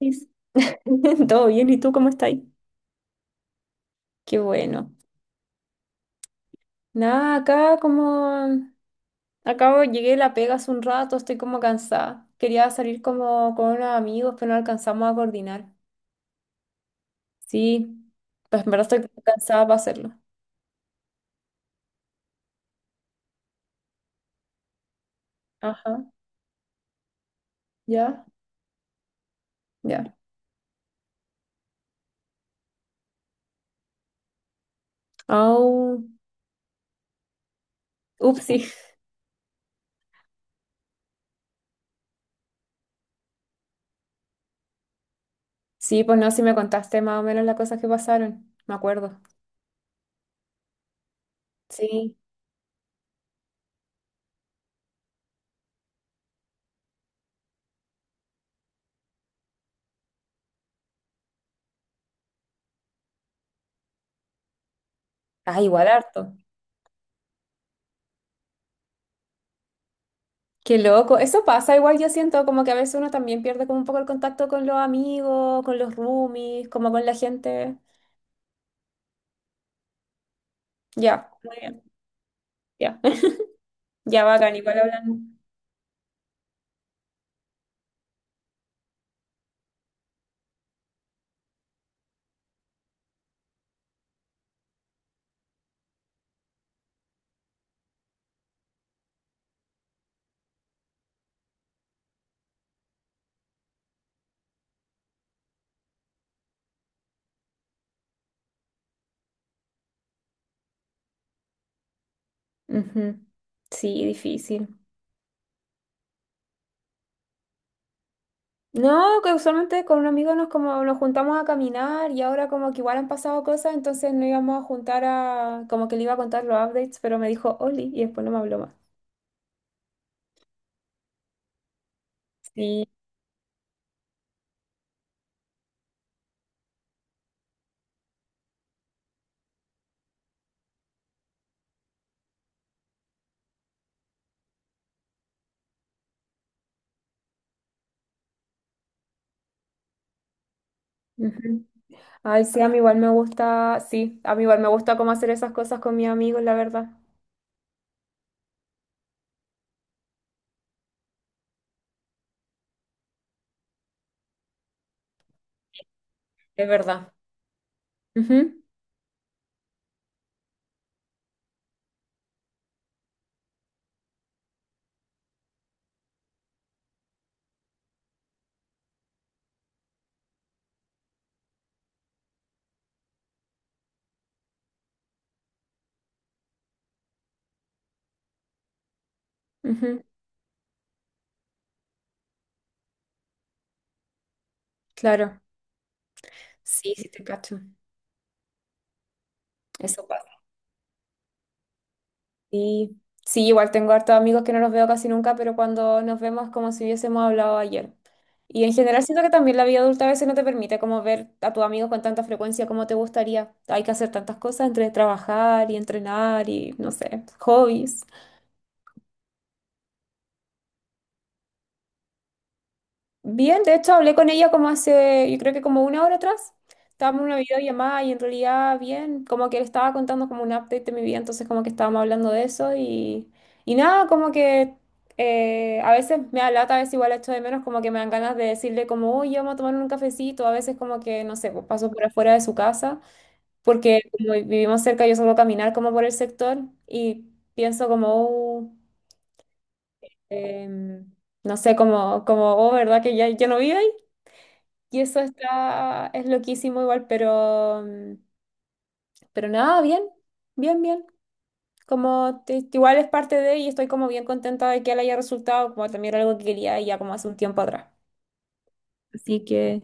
Is- Todo bien, ¿y tú cómo estás? Qué bueno. Nada, acá como acabo, llegué de la pega hace un rato, estoy como cansada. Quería salir como con unos amigos, pero no alcanzamos a coordinar. Sí, pues en verdad estoy cansada para hacerlo. Ajá, ya, ya. Au, upsi. Sí, pues no, si me contaste más o menos las cosas que pasaron, me acuerdo. Sí. Ah, igual harto. Qué loco, eso pasa, igual yo siento como que a veces uno también pierde como un poco el contacto con los amigos, con los roomies, como con la gente. Ya, muy bien, ya, ya, bacán, igual hablan. Ujú. Sí, difícil. No, que usualmente con un amigo nos como nos juntamos a caminar y ahora como que igual han pasado cosas, entonces no íbamos a juntar a, como que le iba a contar los updates, pero me dijo Oli y después no me habló más. Sí. Ujú. Ay, sí, a mí igual me gusta, sí, a mí igual me gusta como hacer esas cosas con mis amigos, la verdad. Es verdad. Ujú, ujú, claro. Sí, sí te cacho. Eso pasa. Sí, sí, igual tengo hartos amigos que no los veo casi nunca, pero cuando nos vemos es como si hubiésemos hablado ayer. Y en general siento que también la vida adulta a veces no te permite como ver a tus amigos con tanta frecuencia como te gustaría. Hay que hacer tantas cosas entre trabajar y entrenar y no sé, hobbies. Bien, de hecho hablé con ella como hace, yo creo que como una hora atrás. Estábamos en una videollamada y en realidad bien, como que le estaba contando como un update de mi vida, entonces como que estábamos hablando de eso y nada, como que a veces me da lata, a veces igual la echo de menos, como que me dan ganas de decirle como, oye, vamos a tomar un cafecito, a veces como que, no sé, pues paso por afuera de su casa, porque como vivimos cerca, yo suelo caminar como por el sector y pienso como, em, no sé, como, como, oh, ¿verdad que ya no vive? Y eso está, es loquísimo igual, pero, pero nada, bien, bien, bien. Como igual es parte de y estoy como bien contenta de que le haya resultado, como también era algo que quería ya como hace un tiempo atrás. Así que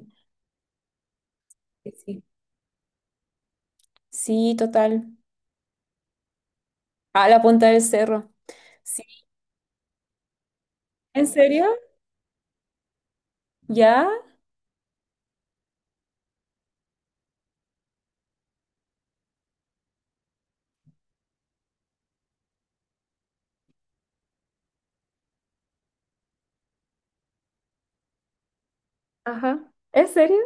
que sí. Sí, total. A la punta del cerro. Sí. ¿En serio? ¿Ya? Ajá. ¿En serio?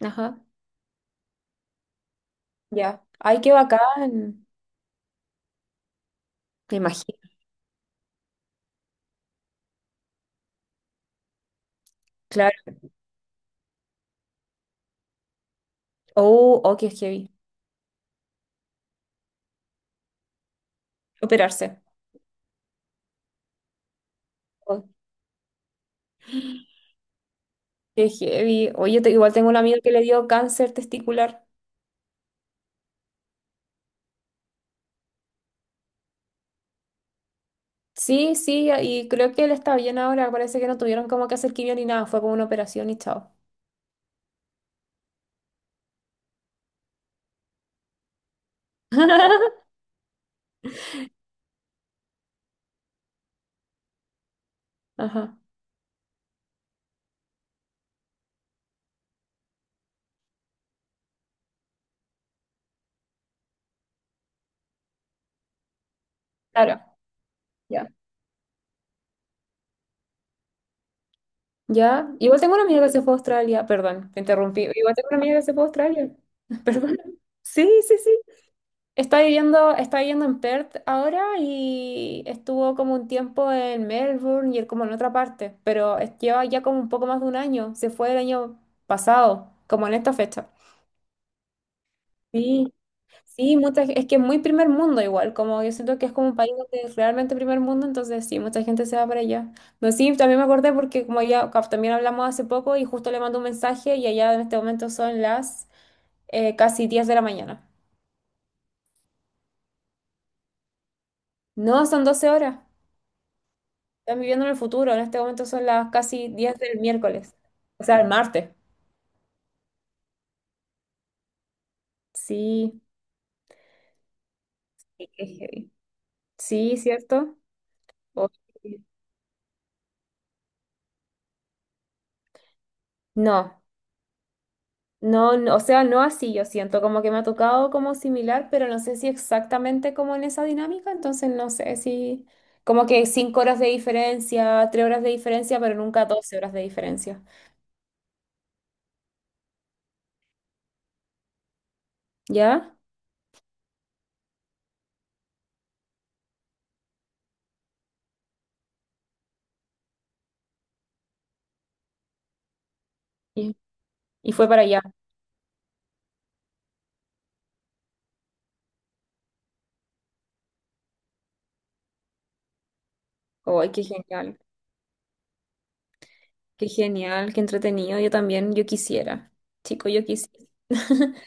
Ajá. Ya. Ay, qué bacán. Me imagino. Claro. Oh, oh, qué heavy. Operarse. Oh, qué heavy. Oye, igual tengo un amigo que le dio cáncer testicular. Sí, sí, y creo que él está bien ahora. Parece que no tuvieron como que hacer quimio ni nada. Fue como una operación y chao. Ajá. Claro. Ya. Ya. Igual tengo una amiga que se fue a Australia. Perdón, te interrumpí. Igual tengo una amiga que se fue a Australia. Perdón. Sí, sí, sí. Está viviendo en Perth ahora y estuvo como un tiempo en Melbourne y él como en otra parte, pero lleva ya como un poco más de un año. Se fue el año pasado, como en esta fecha. Sí. Sí, mucha, es que es muy primer mundo igual, como yo siento que es como un país donde es realmente primer mundo, entonces sí, mucha gente se va para allá. No, sí, también me acordé porque como ya también hablamos hace poco y justo le mando un mensaje y allá en este momento son las casi 10 de la mañana. No, son 12 horas. Están viviendo en el futuro, en este momento son las casi 10 del miércoles, o sea, el martes. Sí, qué heavy. Sí, ¿cierto? O- No. No, no, o sea, no así, yo siento como que me ha tocado como similar, pero no sé si exactamente como en esa dinámica, entonces no sé si como que 5 horas de diferencia, 3 horas de diferencia, pero nunca 12 horas de diferencia. ¿Ya? Y, y fue para allá. Oh, ¡ay, qué genial! ¡Qué genial! ¡Qué entretenido! Yo también, yo quisiera. Chico, yo quisiera.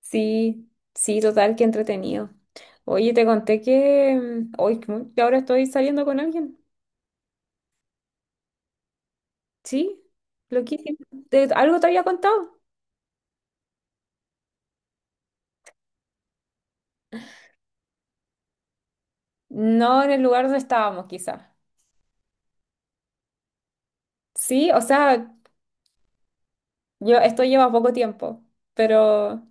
Sí, sí, total, qué entretenido. Oye, te conté que hoy que ahora estoy saliendo con alguien. Sí, loquísimo. ¿Te- ¿Algo te había contado? No en el lugar donde estábamos, quizá. Sí, o sea, yo, esto lleva poco tiempo, pero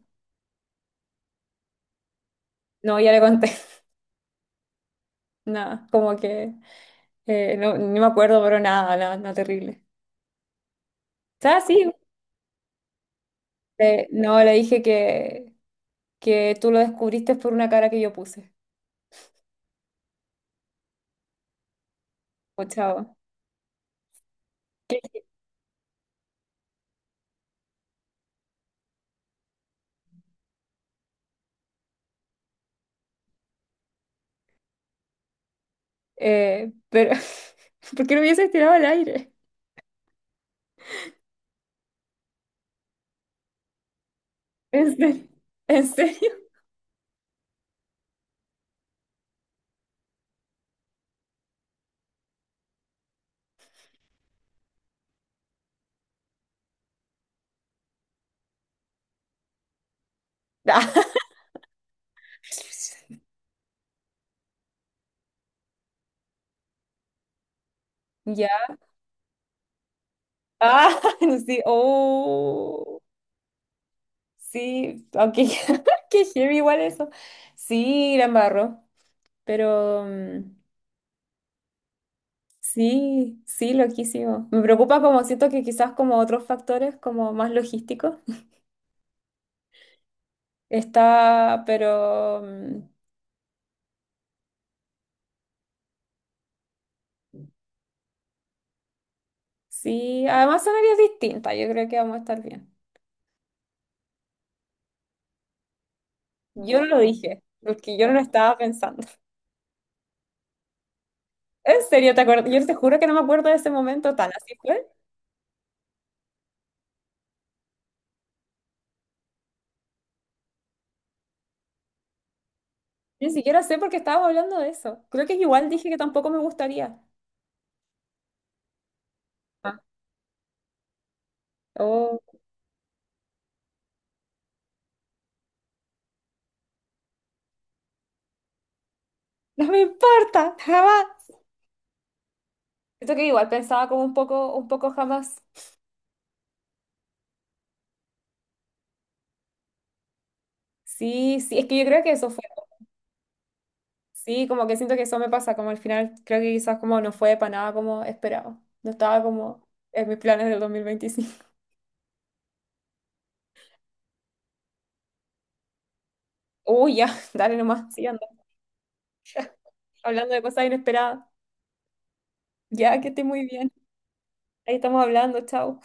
no, ya le conté. Nada, como que no, no me acuerdo, pero nada, nada, nada terrible. O sea, sí, no, le dije que tú lo descubriste por una cara que yo puse. O chavo. Pero, ¿por qué lo hubieses tirado al aire? ¿En serio? ¿En serio? Ya, ah, sí, oh, sí, aunque qué heavy igual eso. Sí, la embarró, pero sí, sí, loquísimo. Me preocupa como siento que quizás como otros factores como más logísticos está, pero sí, además son áreas distintas, yo creo que vamos a estar bien. Yo no lo dije, porque yo no lo estaba pensando. En serio, te acuerdas, yo te juro que no me acuerdo de ese momento tan así fue. Ni siquiera sé por qué estábamos hablando de eso. Creo que igual dije que tampoco me gustaría. Ah. Oh, no me importa, jamás. Siento que igual pensaba como un poco jamás. Sí, sí, es que yo creo que eso fue. Sí, como que siento que eso me pasa, como al final creo que quizás como no fue para nada como esperaba. No estaba como en mis planes del 2025. Uy, ya, dale nomás, sí, anda. Hablando de cosas inesperadas. Ya, que esté muy bien. Ahí estamos hablando, chao.